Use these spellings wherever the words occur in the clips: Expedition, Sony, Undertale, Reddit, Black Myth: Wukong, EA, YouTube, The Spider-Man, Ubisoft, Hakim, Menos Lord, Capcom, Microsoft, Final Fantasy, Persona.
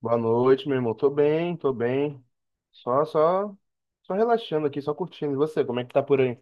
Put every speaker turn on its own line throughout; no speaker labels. Boa noite, meu irmão. Tô bem, tô bem. Só, só, só relaxando aqui, só curtindo. E você, como é que tá por aí?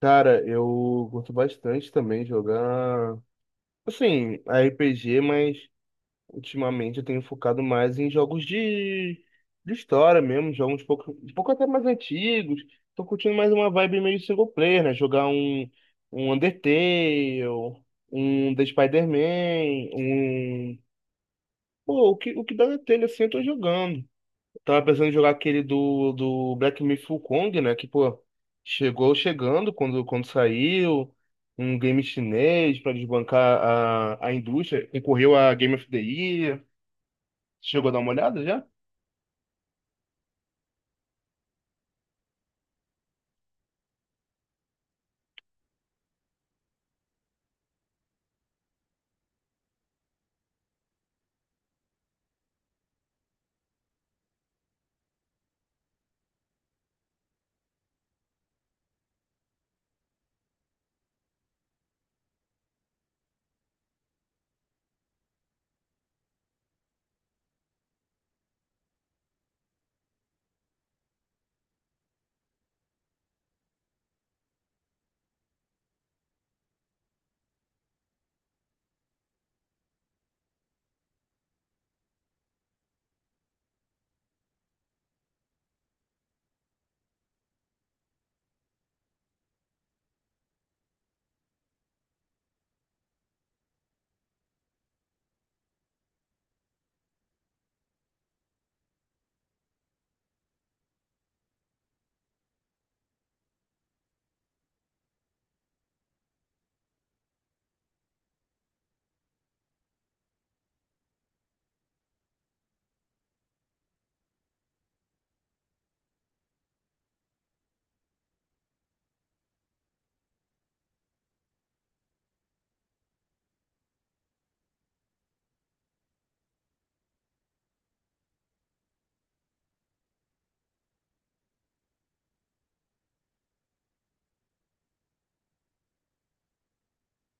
Cara, eu curto bastante também jogar, assim, RPG, mas ultimamente eu tenho focado mais em jogos de história mesmo, jogos um pouco até mais antigos. Tô curtindo mais uma vibe meio single player, né? Jogar um Undertale, um The Spider-Man, um... Pô, o que dá na telha assim eu tô jogando. Tava pensando em jogar aquele do Black Myth: Wukong, né? Que, pô, chegou chegando quando saiu. Um game chinês pra desbancar a indústria. Concorreu a Game of the Year. Chegou a dar uma olhada já?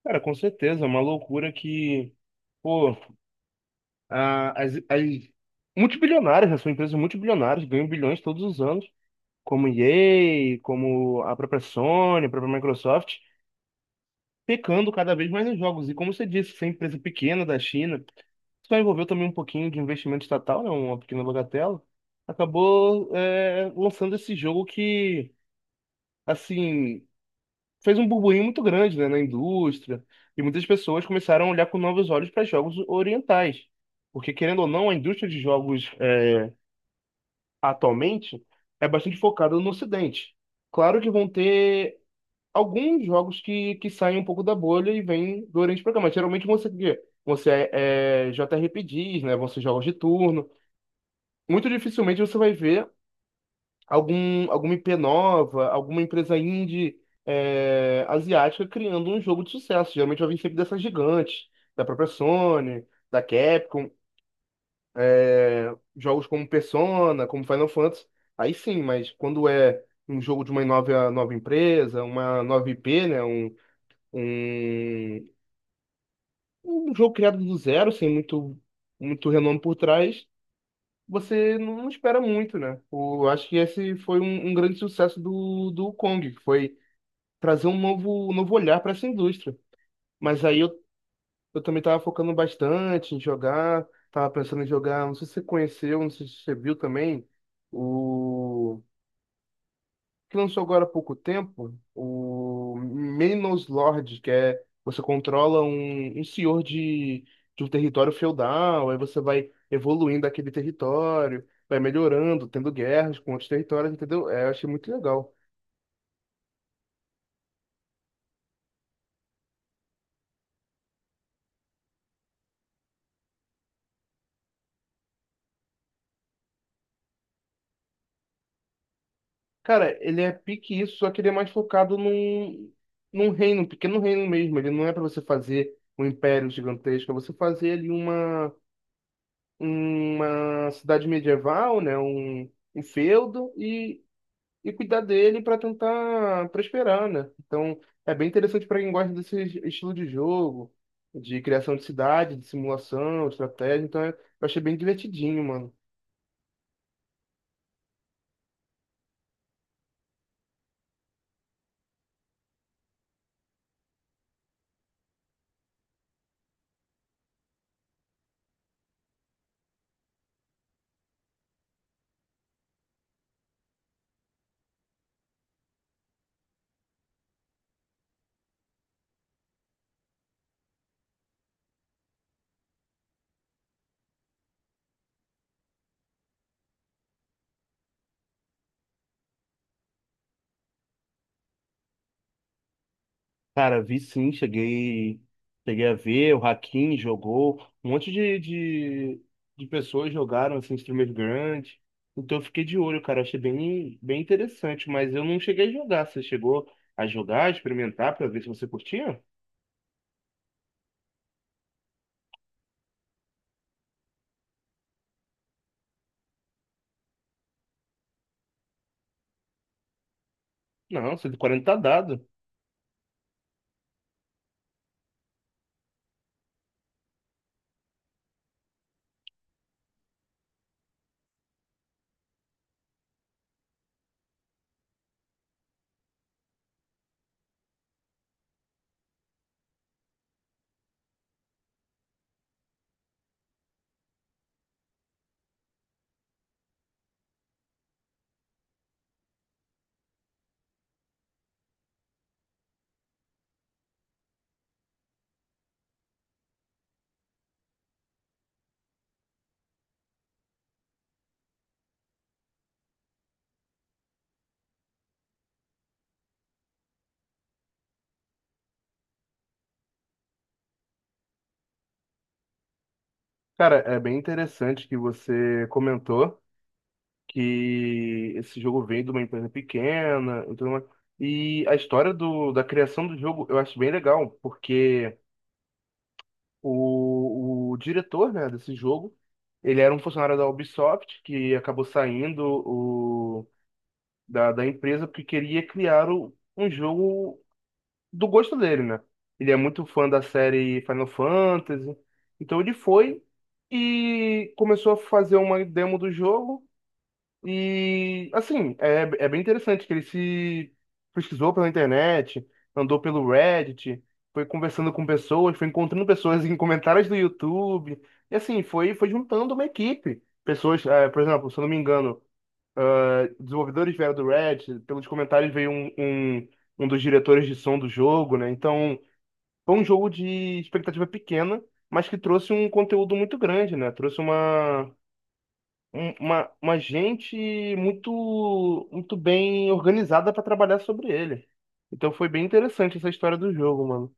Cara, com certeza. É uma loucura que, pô, as multibilionárias, né? São empresas multibilionárias, ganham bilhões todos os anos. Como EA, como a própria Sony, a própria Microsoft. Pecando cada vez mais nos jogos. E como você disse, essa empresa pequena da China, só envolveu também um pouquinho de investimento estatal, né, uma pequena bagatela, acabou lançando esse jogo que, assim, fez um burburinho muito grande, né, na indústria, e muitas pessoas começaram a olhar com novos olhos para jogos orientais. Porque, querendo ou não, a indústria de jogos atualmente é bastante focada no Ocidente. Claro que vão ter alguns jogos que saem um pouco da bolha e vêm durante o programa. Geralmente você, é JRPGs, né? Vão ser jogos de turno. Muito dificilmente você vai ver alguma IP nova, alguma empresa indie asiática criando um jogo de sucesso. Geralmente vai vir sempre dessas gigantes, da própria Sony, da Capcom, jogos como Persona, como Final Fantasy. Aí sim, mas quando é um jogo de uma nova empresa, uma nova IP, né? Um, um jogo criado do zero, sem muito, muito renome por trás, você não espera muito, né? Eu acho que esse foi um grande sucesso do Kong, que foi trazer um novo olhar para essa indústria. Mas aí eu também estava focando bastante em jogar, estava pensando em jogar, não sei se você conheceu, não sei se você viu também, o que lançou agora há pouco tempo, o Menos Lord, que é você controla um senhor de um território feudal, aí você vai evoluindo aquele território, vai melhorando, tendo guerras com outros territórios, entendeu? É, eu achei muito legal. Cara, ele é pique isso, só que ele é mais focado num reino, um pequeno reino mesmo. Ele não é para você fazer um império gigantesco, é você fazer ali uma cidade medieval, né? Um feudo e cuidar dele para tentar prosperar, né? Então, é bem interessante para quem gosta desse estilo de jogo, de criação de cidade, de simulação, de estratégia. Então, eu achei bem divertidinho, mano. Cara, vi sim, cheguei a ver, o Hakim jogou, um monte de pessoas jogaram, assim, streamers grandes. Então eu fiquei de olho, cara, achei bem, bem interessante, mas eu não cheguei a jogar. Você chegou a jogar, a experimentar pra ver se você curtia? Não, 140 tá dado. Cara, é bem interessante que você comentou que esse jogo veio de uma empresa pequena e tudo mais. E a história da criação do jogo eu acho bem legal, porque o diretor, né, desse jogo, ele era um funcionário da Ubisoft que acabou saindo da empresa porque queria criar um jogo do gosto dele, né? Ele é muito fã da série Final Fantasy. Então ele foi e começou a fazer uma demo do jogo. E assim, é bem interessante que ele se pesquisou pela internet, andou pelo Reddit, foi conversando com pessoas, foi encontrando pessoas em comentários do YouTube. E assim, foi juntando uma equipe. Pessoas, por exemplo, se eu não me engano desenvolvedores vieram do Reddit, pelos comentários veio um dos diretores de som do jogo, né? Então, foi um jogo de expectativa pequena, mas que trouxe um conteúdo muito grande, né? Trouxe uma gente muito, muito bem organizada para trabalhar sobre ele. Então, foi bem interessante essa história do jogo, mano.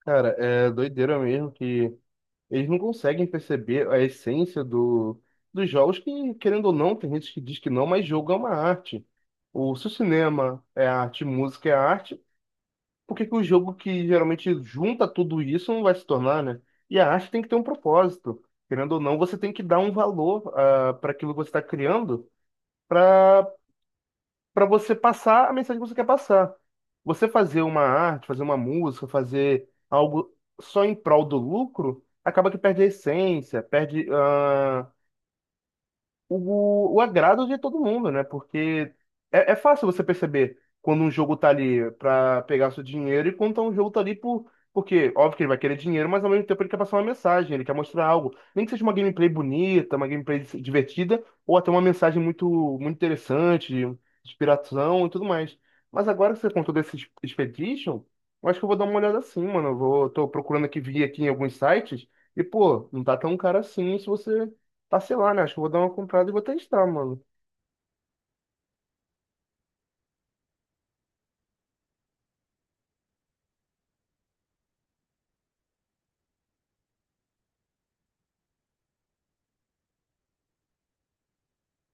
Cara, é doideira mesmo que eles não conseguem perceber a essência dos jogos, que, querendo ou não, tem gente que diz que não, mas jogo é uma arte. O, se o cinema é arte, música é arte, por que que o jogo que geralmente junta tudo isso não vai se tornar, né? E a arte tem que ter um propósito. Querendo ou não, você tem que dar um valor, para aquilo que você está criando, para você passar a mensagem que você quer passar. Você fazer uma arte, fazer uma música, fazer algo só em prol do lucro, acaba que perde a essência, perde. O agrado de todo mundo, né? Porque é fácil você perceber quando um jogo tá ali pra pegar seu dinheiro e quando tá um jogo tá ali por. Porque, óbvio que ele vai querer dinheiro, mas ao mesmo tempo ele quer passar uma mensagem, ele quer mostrar algo. Nem que seja uma gameplay bonita, uma gameplay divertida, ou até uma mensagem muito, muito interessante, de inspiração e tudo mais. Mas agora que você contou desse Expedition, eu acho que eu vou dar uma olhada assim, mano. Eu vou, tô procurando aqui, vi aqui em alguns sites, e pô, não tá tão caro assim se você tá sei lá né? Acho que eu vou dar uma comprada e vou testar, mano.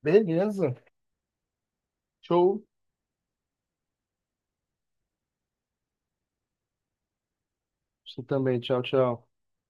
Beleza. Show. Você também. Tchau, tchau.